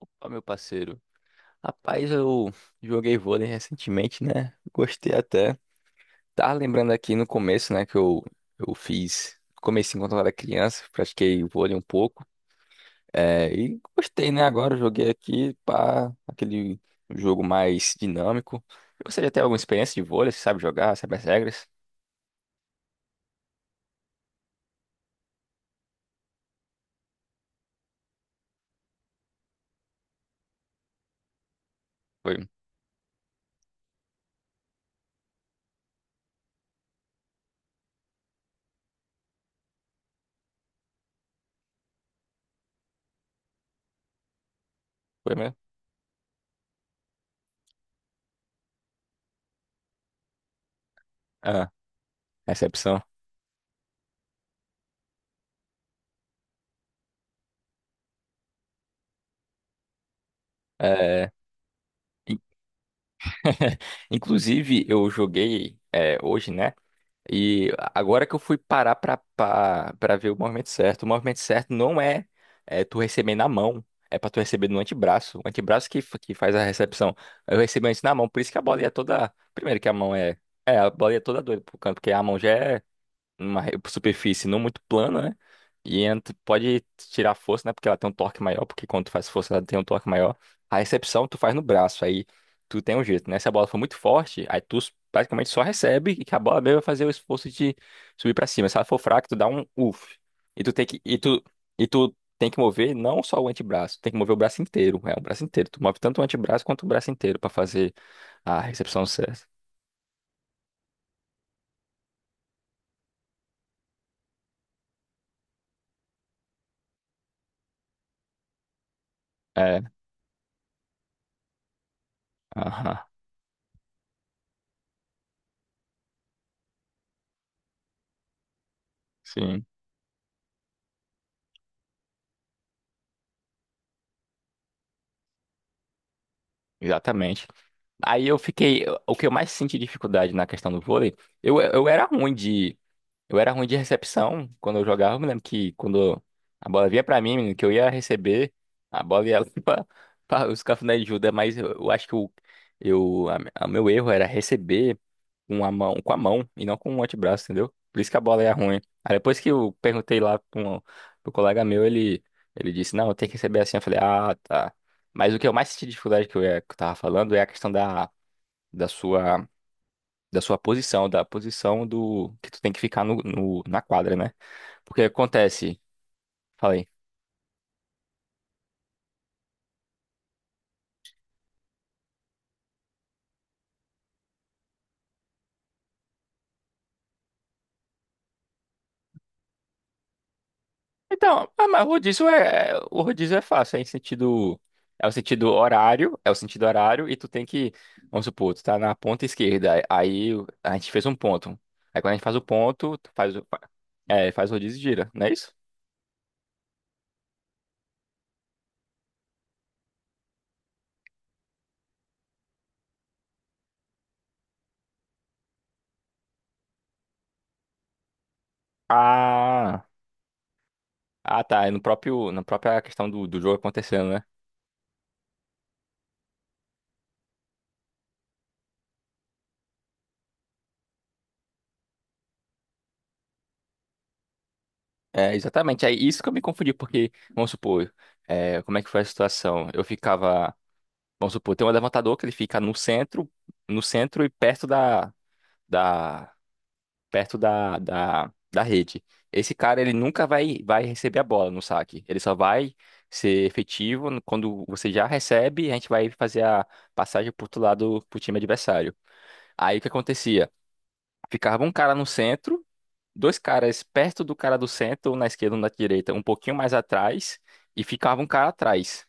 Opa, meu parceiro. Rapaz, eu joguei vôlei recentemente, né? Gostei até. Tava lembrando aqui no começo, né, que eu fiz. Comecei enquanto eu era criança, pratiquei vôlei um pouco. É, e gostei, né? Agora eu joguei aqui para aquele jogo mais dinâmico. Você já tem alguma experiência de vôlei? Você sabe jogar? Sabe as regras? Foi, foi mesmo? Ah, recepção. É. Inclusive, eu joguei é, hoje, né? E agora que eu fui parar pra ver o movimento certo não é, é tu receber na mão, é pra tu receber no antebraço. O antebraço que faz a recepção. Eu recebo antes na mão, por isso que a bola ia toda. Primeiro que a mão é. É, a bola ia toda doida pro canto, porque a mão já é uma superfície não muito plana, né? E pode tirar força, né? Porque ela tem um torque maior, porque quando tu faz força ela tem um torque maior. A recepção tu faz no braço, aí tu tem um jeito, né? Se a bola for muito forte, aí tu praticamente só recebe e que a bola mesmo vai fazer o esforço de subir pra cima. Se ela for fraca, tu dá um uff. E tu tem que mover não só o antebraço, tem que mover o braço inteiro, é o braço inteiro. Tu move tanto o antebraço quanto o braço inteiro pra fazer a recepção certa. É, aham. Sim, exatamente. Aí eu fiquei. O que eu mais senti dificuldade na questão do vôlei, eu era ruim de. Eu era ruim de recepção quando eu jogava. Eu me lembro que quando a bola vinha pra mim, menino, que eu ia receber, a bola ia lá pra os cafuné de Judas, mas eu acho que o eu, a meu erro era receber com a mão e não com o antebraço, entendeu? Por isso que a bola ia ruim. Aí depois que eu perguntei lá pro colega meu, ele disse, não, eu tenho que receber assim. Eu falei, ah, tá. Mas o que eu mais senti dificuldade que que eu tava falando é a questão da sua da sua posição, da posição do que tu tem que ficar na quadra, né? Porque acontece, falei. Então, ah, mas o rodízio é fácil, é em sentido é o sentido horário, e tu tem que, vamos supor, tu tá na ponta esquerda, aí a gente fez um ponto. Aí quando a gente faz o ponto, tu faz faz o rodízio e gira, não é isso? Ah, tá, é no próprio na própria questão do jogo acontecendo, né? É, exatamente. É isso que eu me confundi, porque, vamos supor, como é que foi a situação? Eu ficava, vamos supor, tem um levantador que ele fica no centro, e perto da, da rede. Esse cara, ele nunca vai receber a bola no saque. Ele só vai ser efetivo quando você já recebe, a gente vai fazer a passagem pro outro lado, pro time adversário. Aí o que acontecia? Ficava um cara no centro, dois caras perto do cara do centro, um na esquerda, um na direita, um pouquinho mais atrás, e ficava um cara atrás.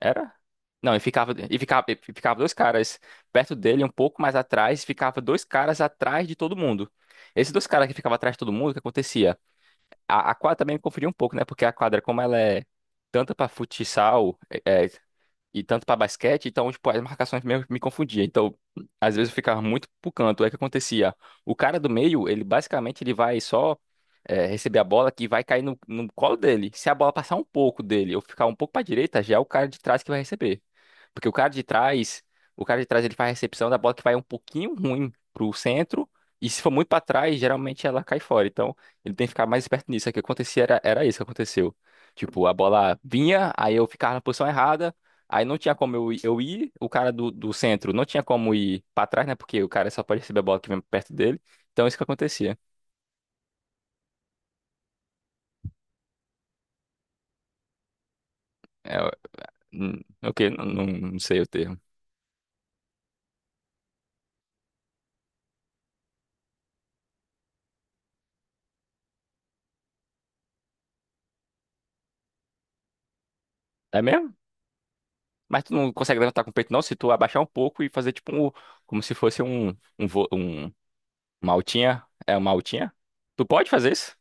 Era? Não, e ficava dois caras perto dele, um pouco mais atrás, e ficava dois caras atrás de todo mundo. Esses dois caras que ficavam atrás de todo mundo, o que acontecia? A quadra também me confundiu um pouco, né? Porque a quadra, como ela é tanto para futsal é, é, e tanto para basquete, então, tipo, as marcações meio que me confundiam. Então, às vezes eu ficava muito pro canto. Aí o que acontecia? O cara do meio, ele basicamente ele vai só receber a bola que vai cair no colo dele. Se a bola passar um pouco dele ou ficar um pouco para direita, já é o cara de trás que vai receber. Porque o cara de trás ele faz a recepção da bola que vai um pouquinho ruim pro centro. E se for muito para trás, geralmente ela cai fora. Então, ele tem que ficar mais esperto nisso. É que acontecia, era isso que aconteceu. Tipo, a bola vinha, aí eu ficava na posição errada, aí não tinha como eu ir, o cara do centro não tinha como ir pra trás, né? Porque o cara só pode receber a bola que vem perto dele. Então, isso que acontecia. É, ok, não, não, não sei o termo. É mesmo? Mas tu não consegue levantar com o peito, não? Se tu abaixar um pouco e fazer tipo um. Como se fosse um. Um. vo- um uma altinha. É uma altinha? Tu pode fazer isso?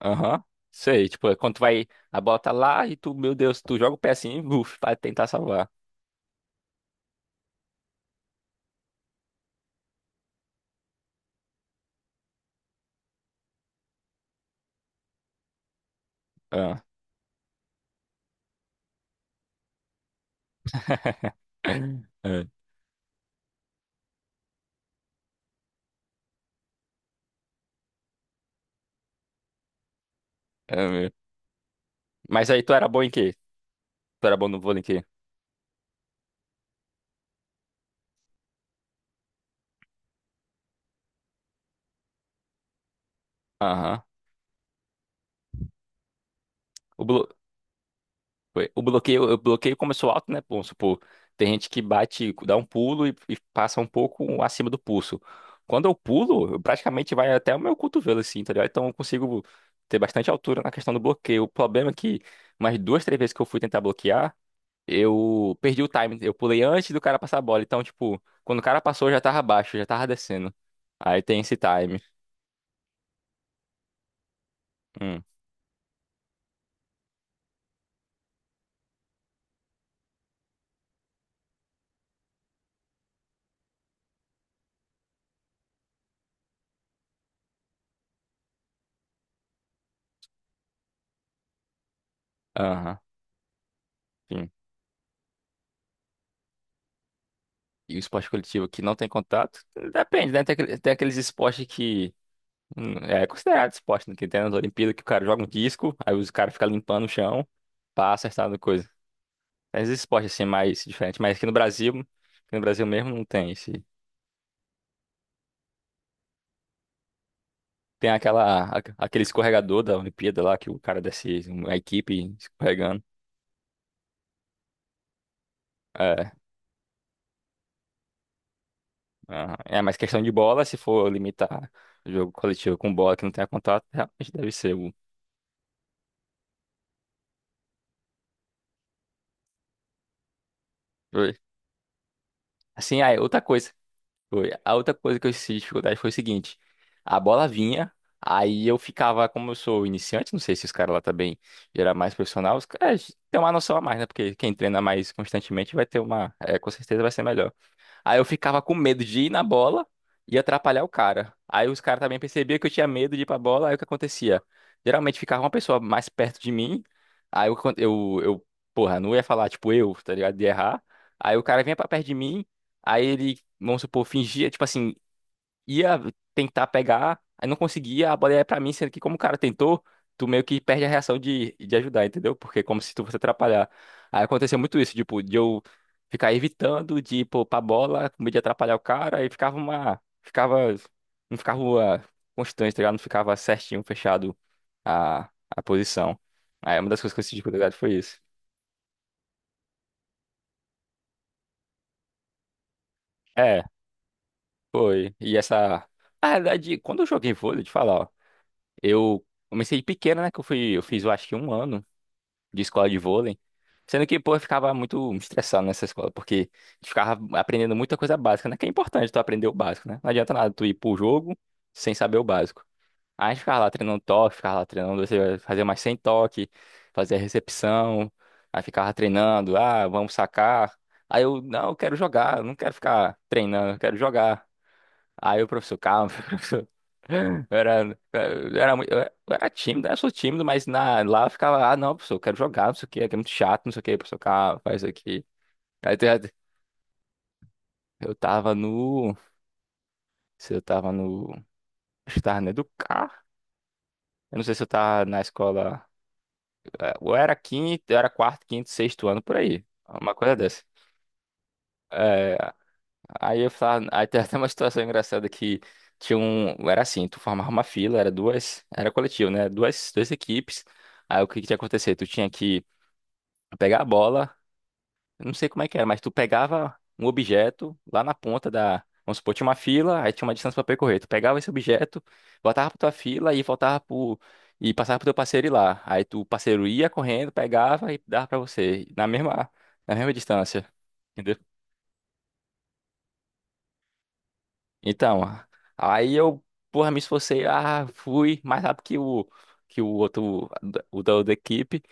Aham. Sei, tipo, é quando tu vai, a bola tá lá e tu, meu Deus, tu joga o pé assim, buf, pra tentar salvar. Ah. É, é mesmo. Mas aí tu era bom em quê? Tu era bom no vôlei em quê? Aham. O, blo... foi, o bloqueio começou alto, né? Vamos supor, tem gente que bate, dá um pulo e passa um pouco acima do pulso. Quando eu pulo, eu praticamente vai até o meu cotovelo, assim, tá ligado? Então eu consigo ter bastante altura na questão do bloqueio. O problema é que umas duas, três vezes que eu fui tentar bloquear, eu perdi o time. Eu pulei antes do cara passar a bola. Então, tipo, quando o cara passou, eu já tava abaixo, eu já tava descendo. Aí tem esse time. Hum, aham, sim. E o esporte coletivo que não tem contato? Depende, né? Tem aqueles esportes que é considerado esporte, né? Que tem nas Olimpíadas que o cara joga um disco, aí os caras ficam limpando o chão pra acertar no coisa. Tem esses esportes assim mais diferentes, mas aqui no Brasil mesmo não tem esse. Tem aquele escorregador da Olimpíada lá que o cara desce, uma equipe escorregando. É, aham. É, mas questão de bola, se for limitar o jogo coletivo com bola que não tenha contato, realmente deve ser o. Foi. Assim, aí, outra coisa. Foi. A outra coisa que eu senti dificuldade foi o seguinte: a bola vinha, aí eu ficava, como eu sou iniciante, não sei se os caras lá também já era mais profissional, os caras têm uma noção a mais, né? Porque quem treina mais constantemente vai ter uma. Com certeza vai ser melhor. Aí eu ficava com medo de ir na bola e atrapalhar o cara. Aí os caras também percebiam que eu tinha medo de ir pra bola, aí o que acontecia? Geralmente ficava uma pessoa mais perto de mim, aí eu porra, não ia falar, tipo, eu, tá ligado? De errar. Aí o cara vinha pra perto de mim, aí ele, vamos supor, fingia, tipo assim, ia tentar pegar, aí não conseguia, a bola ia pra mim, sendo que como o cara tentou, tu meio que perde a reação de ajudar, entendeu? Porque é como se tu fosse atrapalhar. Aí aconteceu muito isso, tipo, de eu ficar evitando de ir pô, pra bola, com medo de atrapalhar o cara, aí não ficava uma constante, tá ligado? Não ficava certinho, fechado a posição. Aí uma das coisas que eu senti de dificuldade foi isso. É, foi. E essa. Na verdade quando eu joguei vôlei, de falar, ó, eu comecei pequena, né? Que eu fui, eu fiz, eu acho que um ano de escola de vôlei. Sendo que, pô, eu ficava muito estressado nessa escola, porque a gente ficava aprendendo muita coisa básica, né? Que é importante tu aprender o básico, né? Não adianta nada tu ir pro jogo sem saber o básico. Aí a gente ficava lá treinando toque, ficava lá treinando, você fazia mais sem toque, fazia recepção, aí ficava treinando, ah, vamos sacar. Aí eu, não, eu quero jogar, eu não quero ficar treinando, eu quero jogar. Aí o professor, calma, era, era muito, eu era tímido, eu sou tímido, mas lá eu ficava, ah, não, professor, eu quero jogar, não sei o que, é muito chato, não sei o que, professor, cara, faz isso aqui. Aí tem- eu tava no, se eu tava no, acho que tava no Educar, eu não sei se eu tava na escola, ou era quinto, eu era quarto, quinto, sexto ano, por aí, uma coisa dessa. É, aí eu falava, aí tem até uma situação engraçada que era assim, tu formava uma fila, era coletivo, né, duas equipes, aí o que que tinha que acontecer? Tu tinha que pegar a bola, eu não sei como é que era, mas tu pegava um objeto lá na ponta da. Vamos supor, tinha uma fila, aí tinha uma distância pra percorrer. Tu pegava esse objeto, voltava pra tua fila e voltava pro. E passava pro teu parceiro ir lá. Aí tu, o parceiro ia correndo, pegava e dava pra você. Na mesma distância. Então, aí eu, porra, me esforcei, ah, fui mais rápido que o outro, o da outra equipe.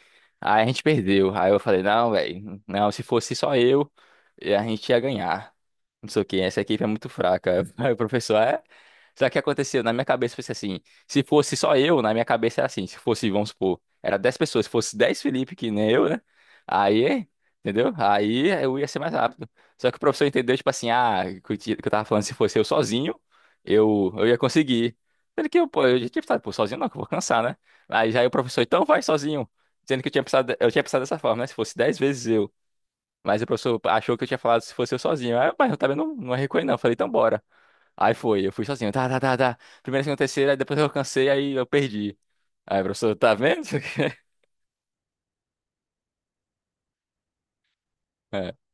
Aí a gente perdeu. Aí eu falei, não, velho, não, se fosse só eu, a gente ia ganhar. Não sei o que, essa equipe é muito fraca. Aí o professor, é? Só que aconteceu, na minha cabeça foi assim, se fosse só eu, na minha cabeça era assim, se fosse, vamos supor, era 10 pessoas, se fosse 10 Felipe, que nem eu, né? Aí, entendeu? Aí eu ia ser mais rápido. Só que o professor entendeu, tipo assim, ah, que eu tava falando, se fosse eu sozinho, eu ia conseguir. Sendo que eu, pô, eu já tinha pensado, pô, sozinho não, que eu vou cansar, né? Aí já aí o professor, então vai sozinho. Sendo que eu tinha pensado, dessa forma, né? Se fosse 10 vezes eu. Mas o professor achou que eu tinha falado se fosse eu sozinho. Aí, mas eu também não, não recuei, não. Falei, então bora. Aí foi, eu fui sozinho. Tá, tá, tá, tá. Primeira, segunda, terceira, aí depois eu cansei, aí eu perdi. Aí o professor, tá vendo?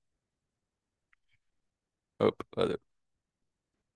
É.